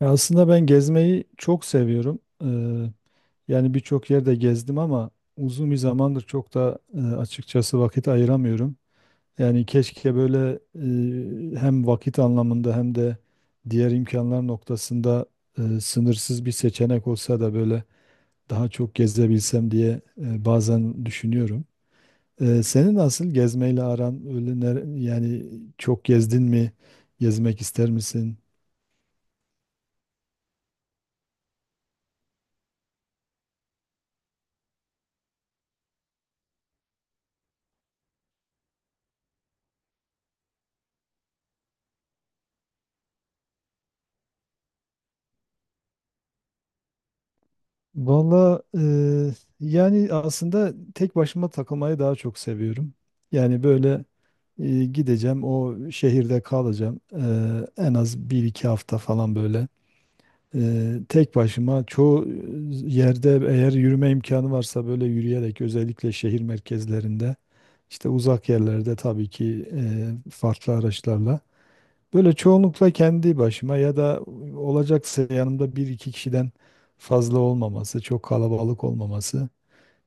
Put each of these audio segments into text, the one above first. Ya aslında ben gezmeyi çok seviyorum. Yani birçok yerde gezdim ama uzun bir zamandır çok da açıkçası vakit ayıramıyorum. Yani keşke böyle hem vakit anlamında hem de diğer imkanlar noktasında sınırsız bir seçenek olsa da böyle daha çok gezebilsem diye bazen düşünüyorum. Senin nasıl gezmeyle aran öyle yani çok gezdin mi? Gezmek ister misin? Valla yani aslında tek başıma takılmayı daha çok seviyorum. Yani böyle gideceğim o şehirde kalacağım. En az bir iki hafta falan böyle. Tek başıma çoğu yerde eğer yürüme imkanı varsa böyle yürüyerek, özellikle şehir merkezlerinde, işte uzak yerlerde tabii ki farklı araçlarla. Böyle çoğunlukla kendi başıma, ya da olacaksa yanımda bir iki kişiden fazla olmaması, çok kalabalık olmaması.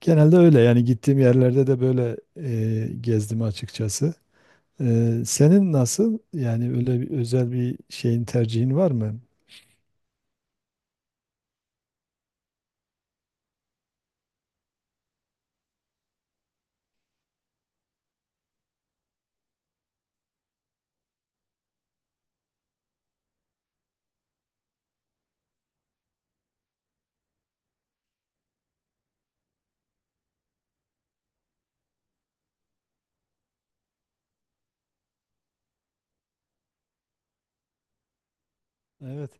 Genelde öyle yani, gittiğim yerlerde de böyle gezdim açıkçası. Senin nasıl? Yani öyle bir, özel bir şeyin tercihin var mı? Evet.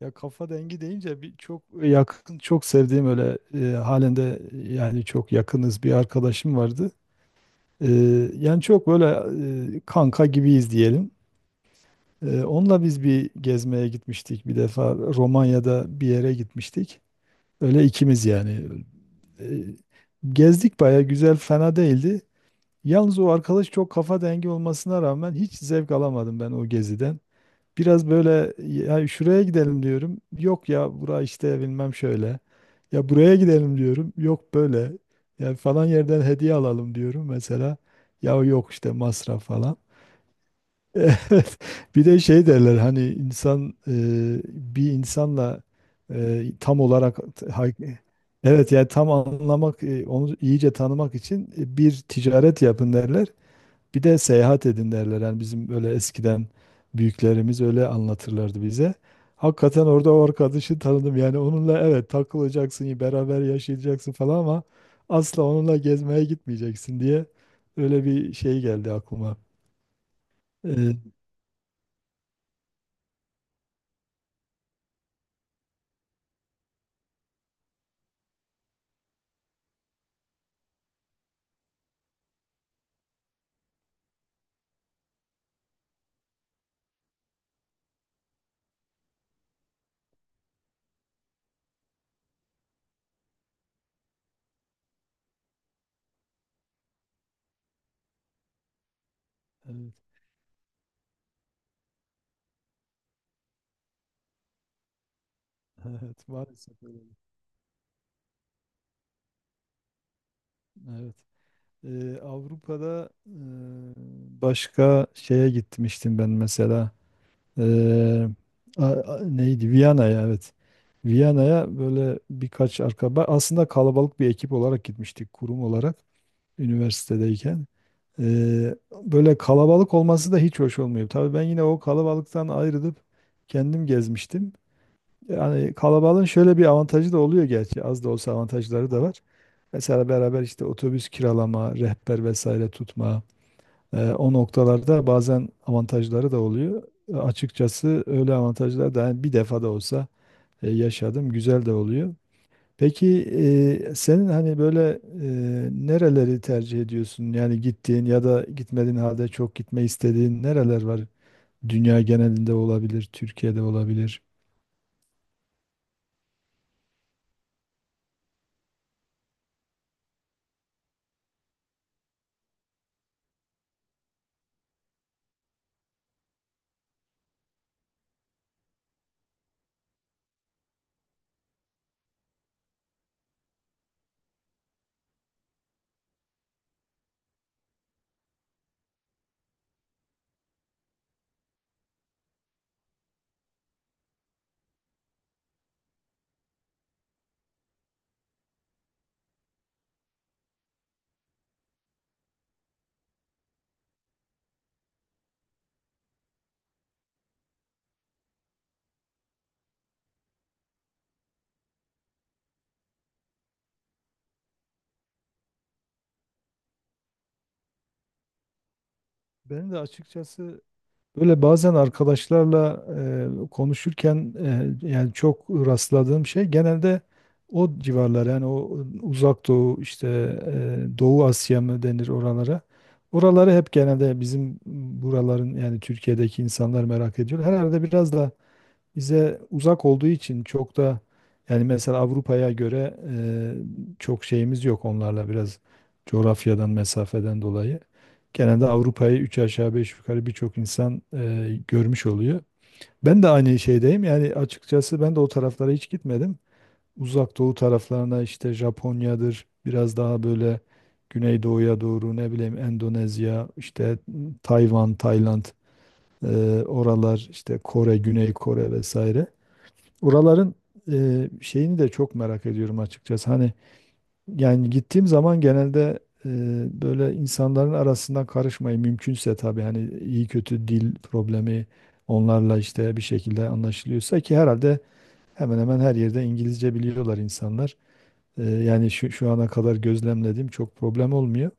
Ya kafa dengi deyince bir çok yakın, çok sevdiğim öyle halen de yani çok yakınız, bir arkadaşım vardı. Yani çok böyle kanka gibiyiz diyelim. Onunla biz bir gezmeye gitmiştik, bir defa Romanya'da bir yere gitmiştik. Öyle ikimiz yani. Ee, Gezdik, baya güzel, fena değildi. Yalnız o arkadaş çok kafa dengi olmasına rağmen hiç zevk alamadım ben o geziden. Biraz böyle ya şuraya gidelim diyorum. Yok ya bura işte bilmem şöyle. Ya buraya gidelim diyorum. Yok böyle. Ya falan yerden hediye alalım diyorum mesela. Ya yok işte masraf falan. Evet. Bir de şey derler, hani insan bir insanla tam olarak ha- evet, yani tam anlamak, onu iyice tanımak için bir ticaret yapın derler. Bir de seyahat edin derler. Yani bizim öyle eskiden büyüklerimiz öyle anlatırlardı bize. Hakikaten orada o arkadaşı tanıdım. Yani onunla evet takılacaksın, beraber yaşayacaksın falan, ama asla onunla gezmeye gitmeyeceksin diye öyle bir şey geldi aklıma. Ee, evet. Evet, maalesef öyle. Evet. Avrupa'da başka şeye gitmiştim ben mesela. Eee, Neydi? Viyana'ya, evet. Viyana'ya böyle birkaç arkadaş, aslında kalabalık bir ekip olarak gitmiştik, kurum olarak, üniversitedeyken. Eee, Böyle kalabalık olması da hiç hoş olmuyor. Tabii ben yine o kalabalıktan ayrılıp kendim gezmiştim. Yani kalabalığın şöyle bir avantajı da oluyor gerçi. Az da olsa avantajları da var. Mesela beraber işte otobüs kiralama, rehber vesaire tutma. O noktalarda bazen avantajları da oluyor. Açıkçası öyle avantajlar da hani bir defa da olsa yaşadım. Güzel de oluyor. Peki senin hani böyle e, nereleri tercih ediyorsun? Yani gittiğin ya da gitmediğin halde çok gitme istediğin nereler var? Dünya genelinde olabilir, Türkiye'de olabilir. Benim de açıkçası, böyle bazen arkadaşlarla konuşurken yani çok rastladığım şey genelde o civarlar, yani o Uzak Doğu, işte Doğu Asya mı denir oralara. Oraları hep genelde bizim buraların, yani Türkiye'deki insanlar merak ediyor. Herhalde biraz da bize uzak olduğu için çok da, yani mesela Avrupa'ya göre çok şeyimiz yok onlarla, biraz coğrafyadan, mesafeden dolayı. Genelde Avrupa'yı üç aşağı beş yukarı birçok insan görmüş oluyor. Ben de aynı şeydeyim. Yani açıkçası ben de o taraflara hiç gitmedim. Uzak Doğu taraflarına işte Japonya'dır, biraz daha böyle Güneydoğu'ya doğru, ne bileyim Endonezya, işte Tayvan, Tayland, e, oralar işte Kore, Güney Kore vesaire. Oraların şeyini de çok merak ediyorum açıkçası. Hani yani gittiğim zaman genelde e, böyle insanların arasından karışmayı, mümkünse tabii, hani iyi kötü dil problemi, onlarla işte bir şekilde anlaşılıyorsa, ki herhalde hemen hemen her yerde İngilizce biliyorlar insanlar. Yani şu ana kadar gözlemlediğim çok problem olmuyor.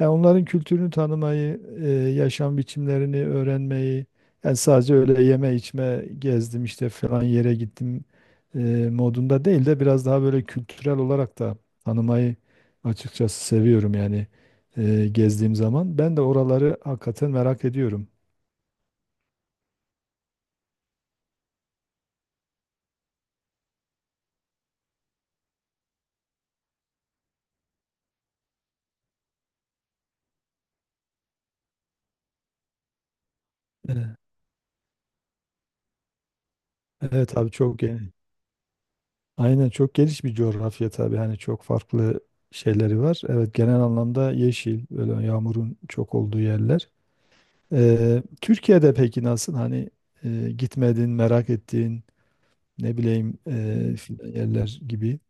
Yani onların kültürünü tanımayı, yaşam biçimlerini öğrenmeyi, yani sadece öyle yeme içme gezdim işte falan yere gittim e, modunda değil de biraz daha böyle kültürel olarak da tanımayı açıkçası seviyorum, yani gezdiğim zaman. Ben de oraları hakikaten merak ediyorum. Evet. Evet abi, çok geniş. Aynen, çok geniş bir coğrafya tabii. Hani çok farklı şeyleri var. Evet, genel anlamda yeşil, böyle yağmurun çok olduğu yerler. Türkiye'de peki nasıl? Hani gitmedin, merak ettiğin, ne bileyim filan yerler gibi.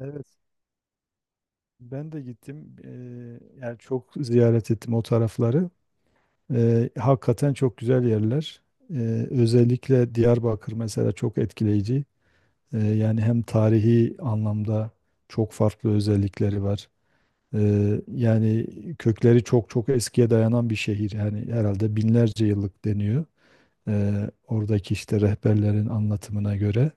Evet. Ben de gittim. Yani çok ziyaret ettim o tarafları. Hakikaten çok güzel yerler. Özellikle Diyarbakır mesela çok etkileyici. Yani hem tarihi anlamda çok farklı özellikleri var. Yani kökleri çok çok eskiye dayanan bir şehir. Yani herhalde binlerce yıllık deniyor. Oradaki işte rehberlerin anlatımına göre.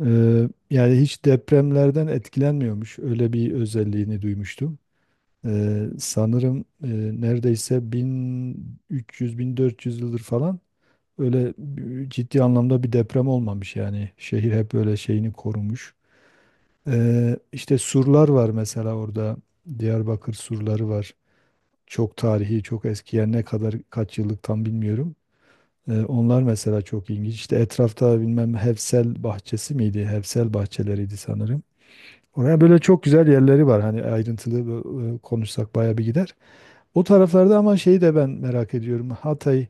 Yani hiç depremlerden etkilenmiyormuş. Öyle bir özelliğini duymuştum. Sanırım neredeyse 1300-1400 yıldır falan ciddi anlamda bir deprem olmamış yani. Şehir hep böyle şeyini korumuş. İşte surlar var mesela orada. Diyarbakır surları var. Çok tarihi, çok eski, yani ne kadar kaç yıllık tam bilmiyorum. Onlar mesela çok ilginç. İşte etrafta bilmem Hevsel bahçesi miydi? Hevsel bahçeleriydi sanırım. Oraya böyle çok güzel yerleri var. Hani ayrıntılı konuşsak bayağı bir gider. O taraflarda, ama şeyi de ben merak ediyorum. Hatay,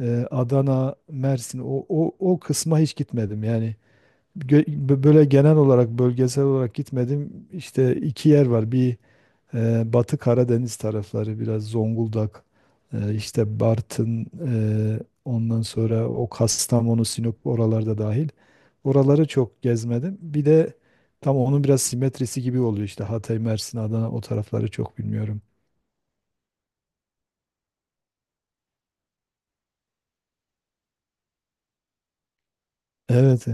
Adana, Mersin, o kısma hiç gitmedim. Yani böyle genel olarak, bölgesel olarak gitmedim. İşte iki yer var. Bir Batı Karadeniz tarafları, biraz Zonguldak, işte Bartın, ondan sonra o Kastamonu, Sinop, oralarda dahil. Oraları çok gezmedim. Bir de tam onun biraz simetrisi gibi oluyor işte Hatay, Mersin, Adana, o tarafları çok bilmiyorum. Evet.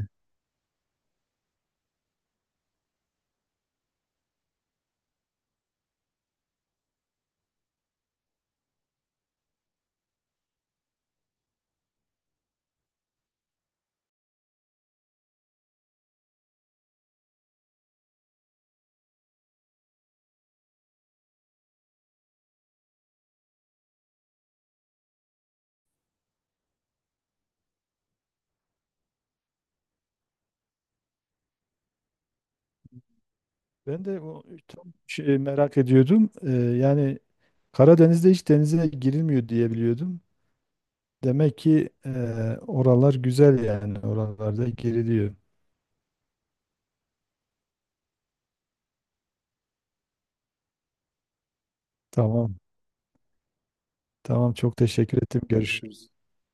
Ben de o tam şey merak ediyordum. Yani Karadeniz'de hiç denize girilmiyor diye biliyordum. Demek ki oralar güzel, yani. Oralarda giriliyor. Tamam. Tamam, çok teşekkür ettim. Görüşürüz.